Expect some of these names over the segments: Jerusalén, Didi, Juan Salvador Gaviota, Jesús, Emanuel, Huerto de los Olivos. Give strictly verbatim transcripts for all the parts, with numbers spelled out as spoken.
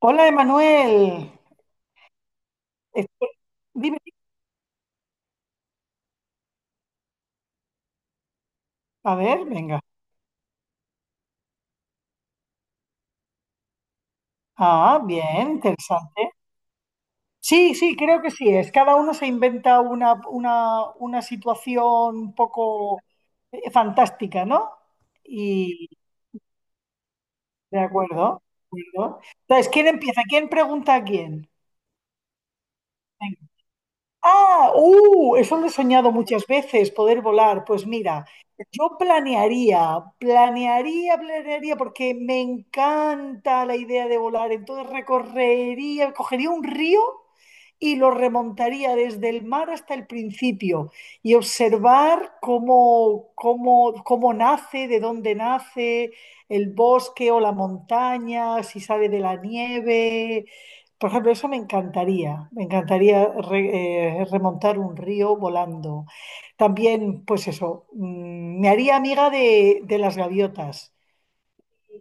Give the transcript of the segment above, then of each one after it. Hola, Emanuel. Estoy- Dime, a ver, venga. Ah, bien, interesante. Sí, sí, creo que sí es. Cada uno se inventa una, una, una situación un poco eh, fantástica, ¿no? Y de acuerdo, de acuerdo. Entonces, ¿quién empieza? ¿Quién pregunta a quién? Ah, uh, eso lo he soñado muchas veces, poder volar. Pues mira, yo planearía, planearía, planearía, porque me encanta la idea de volar. Entonces recorrería, cogería un río y lo remontaría desde el mar hasta el principio y observar cómo, cómo, cómo nace, de dónde nace el bosque o la montaña, si sale de la nieve. Por ejemplo, eso me encantaría, me encantaría re- eh, remontar un río volando. También, pues eso, mm, me haría amiga de, de las gaviotas.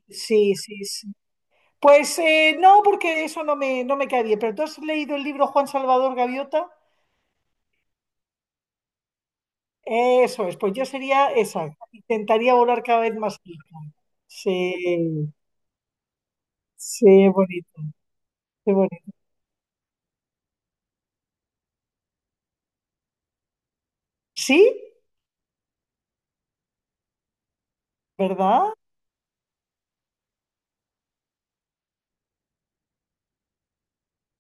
Sí, sí, sí. Pues eh, no, porque eso no me, no me cae bien. Pero tú has leído el libro Juan Salvador Gaviota. Eso es, pues yo sería esa. Intentaría volar cada vez más cerca. Sí, sí, bonito, qué bonito. Sí, ¿verdad?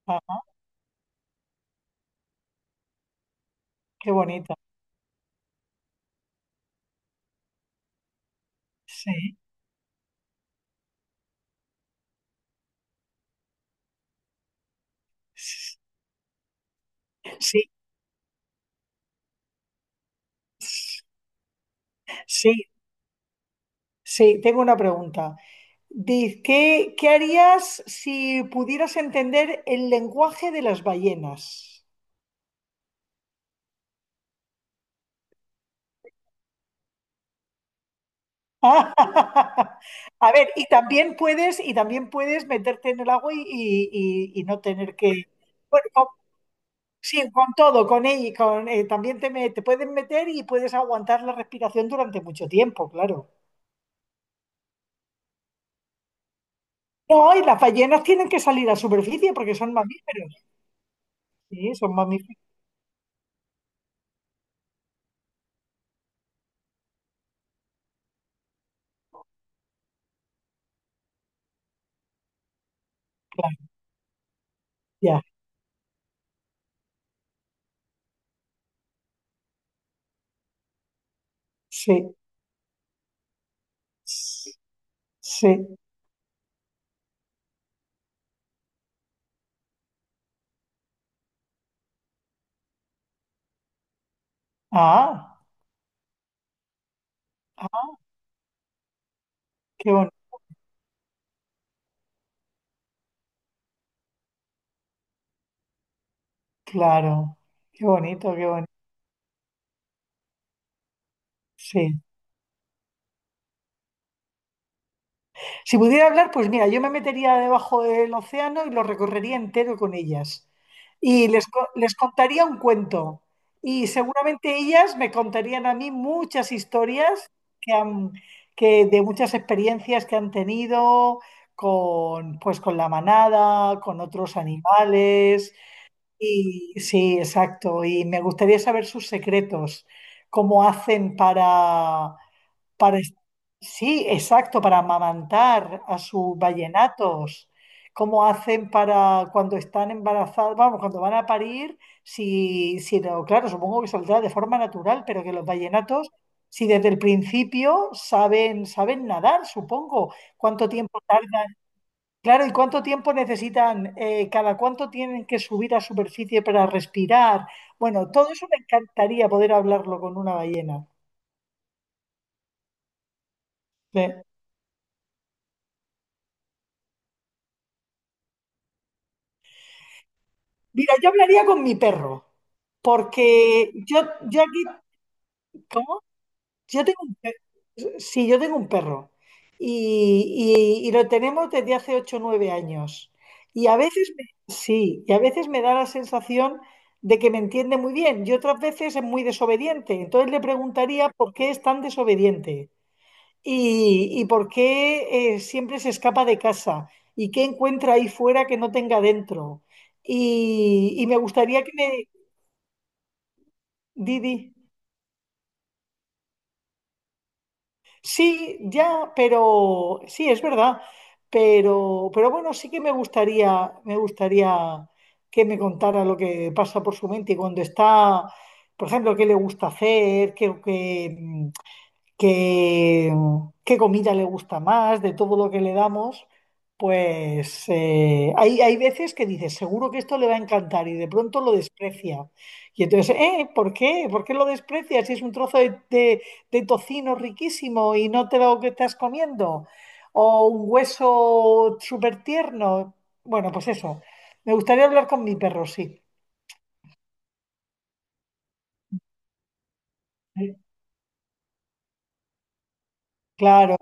Ah, qué bonita. Sí, sí, sí. Sí, sí, tengo una pregunta. Diz, ¿qué, qué harías si pudieras entender el lenguaje de las ballenas? A ver, y también puedes, y también puedes meterte en el agua y, y- y- no tener que. Bueno, con- sí, con todo, con ella, con, eh, también te, me- te pueden meter y puedes aguantar la respiración durante mucho tiempo, claro. No, y las ballenas tienen que salir a superficie porque son mamíferos. Sí, son mamíferos, claro. Ya, sí, sí. Ah, ah, qué bonito, claro, qué bonito, qué bonito. Sí. Si pudiera hablar, pues mira, yo me metería debajo del océano y lo recorrería entero con ellas. Y les, co- les contaría un cuento. Y seguramente ellas me contarían a mí muchas historias que han, que de muchas experiencias que han tenido con, pues, con la manada, con otros animales. Y sí, exacto. Y me gustaría saber sus secretos, cómo hacen para, para, sí, exacto, para amamantar a sus vallenatos, cómo hacen para cuando están embarazados, vamos, cuando van a parir, si, si lo- claro, supongo que saldrá de forma natural, pero que los vallenatos, si desde el principio saben, saben nadar, supongo, cuánto tiempo. Claro, ¿y cuánto tiempo necesitan? eh, ¿cada cuánto tienen que subir a superficie para respirar? Bueno, todo eso me encantaría poder hablarlo con una ballena. Sí. Mira, yo hablaría con mi perro, porque yo, yo aquí... ¿Cómo? Yo tengo un pe- sí, yo tengo un perro y, y- y- lo tenemos desde hace ocho o nueve años. Y a veces me- sí, y a veces me da la sensación de que me entiende muy bien y otras veces es muy desobediente. Entonces le preguntaría por qué es tan desobediente y, y por qué eh, siempre se escapa de casa y qué encuentra ahí fuera que no tenga dentro. Y, y me gustaría que me... Didi. Sí, ya, pero sí, es verdad. Pero, pero bueno, sí que me gustaría, me gustaría que me contara lo que pasa por su mente y cuando está, por ejemplo, qué le gusta hacer, qué, qué, qué, qué comida le gusta más, de todo lo que le damos, pues eh, hay, hay veces que dices, seguro que esto le va a encantar y de pronto lo desprecia. Y entonces, ¿eh? ¿Por qué? ¿Por qué lo desprecias si es un trozo de, de- de tocino riquísimo y no te lo que estás comiendo? O un hueso súper tierno. Bueno, pues eso. Me gustaría hablar con mi perro, sí. Eh, claro,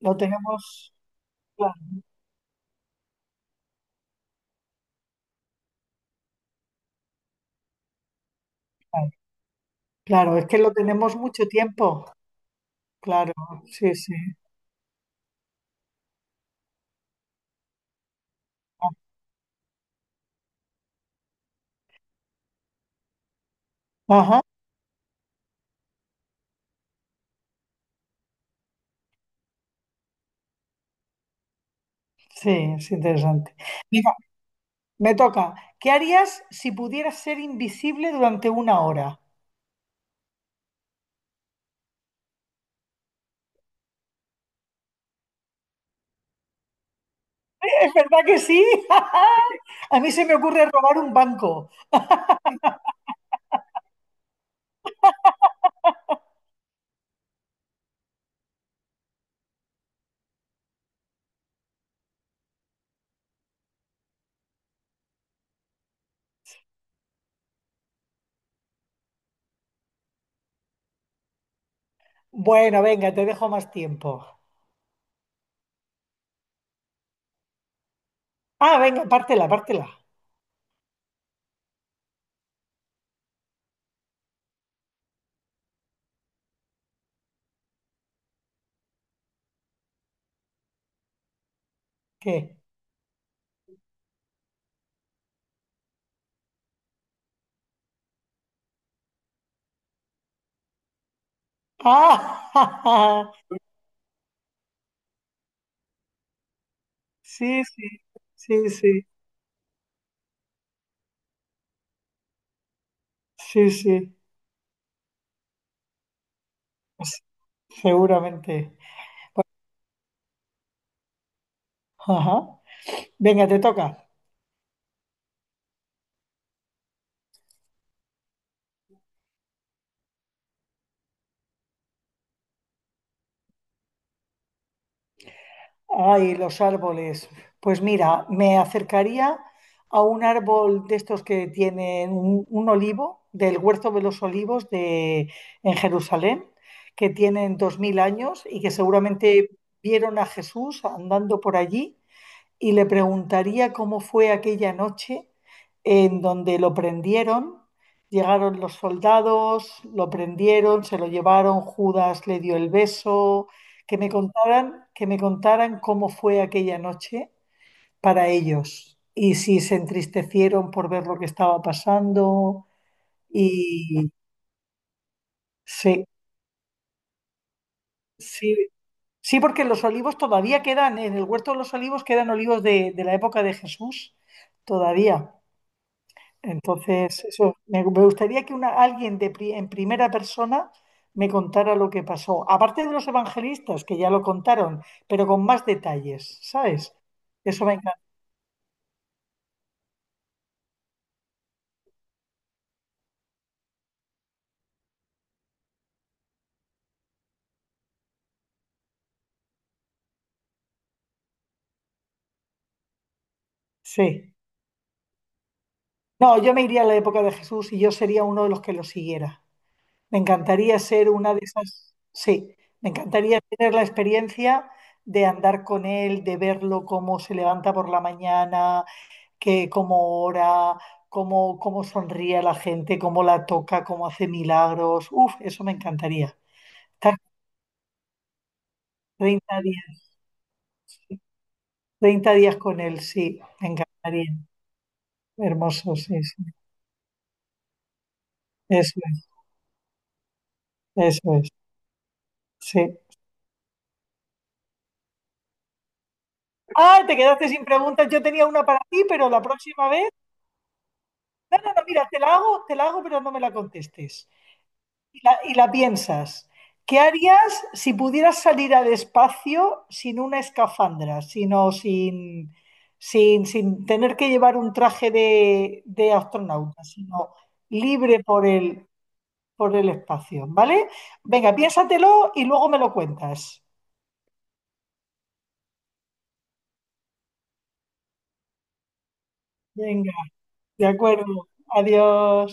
lo tenemos, claro, claro, claro, es que lo tenemos mucho tiempo. Claro, sí, sí. Ajá, sí, es interesante. Mira, me toca. ¿Qué harías si pudieras ser invisible durante una hora? ¿Es verdad que sí? A mí se me ocurre robar un banco. Bueno, venga, te dejo más tiempo. Ah, venga, pártela, pártela. ¿Qué? Ah, sí, sí, sí, sí, sí, sí, pues seguramente. Ajá. Venga, te toca. Ay, los árboles. Pues mira, me acercaría a un árbol de estos que tienen un, un olivo, del Huerto de los Olivos de, en Jerusalén, que tienen dos mil años y que seguramente vieron a Jesús andando por allí y le preguntaría cómo fue aquella noche en donde lo prendieron. Llegaron los soldados, lo prendieron, se lo llevaron, Judas le dio el beso, que me contaran, que me contaran cómo fue aquella noche para ellos y si se entristecieron por ver lo que estaba pasando y sí, sí, sí, porque los olivos todavía quedan, en el huerto de los olivos quedan olivos de, de la época de Jesús, todavía. Entonces, eso, me, me gustaría que una, alguien de pri- en primera persona me contara lo que pasó. Aparte de los evangelistas, que ya lo contaron, pero con más detalles, ¿sabes? Eso me encanta. Sí. No, yo me iría a la época de Jesús y yo sería uno de los que lo siguiera. Me encantaría ser una de esas. Sí, me encantaría tener la experiencia de andar con él, de verlo cómo se levanta por la mañana, que cómo ora, cómo, cómo sonríe a la gente, cómo la toca, cómo hace milagros. Uf, eso me encantaría. Estar treinta días, treinta días con él, sí, me encantaría. Hermoso, sí, sí. Eso es, eso es, sí. Ah, te quedaste sin preguntas. Yo tenía una para ti, pero la próxima vez, bueno, mira, te la hago, te la hago, pero no me la contestes. Y la, y la piensas. ¿Qué harías si pudieras salir al espacio sin una escafandra, sino sin, sin, sin tener que llevar un traje de, de astronauta, sino libre por el, por el espacio? ¿Vale? Venga, piénsatelo y luego me lo cuentas. Venga, de acuerdo. Adiós.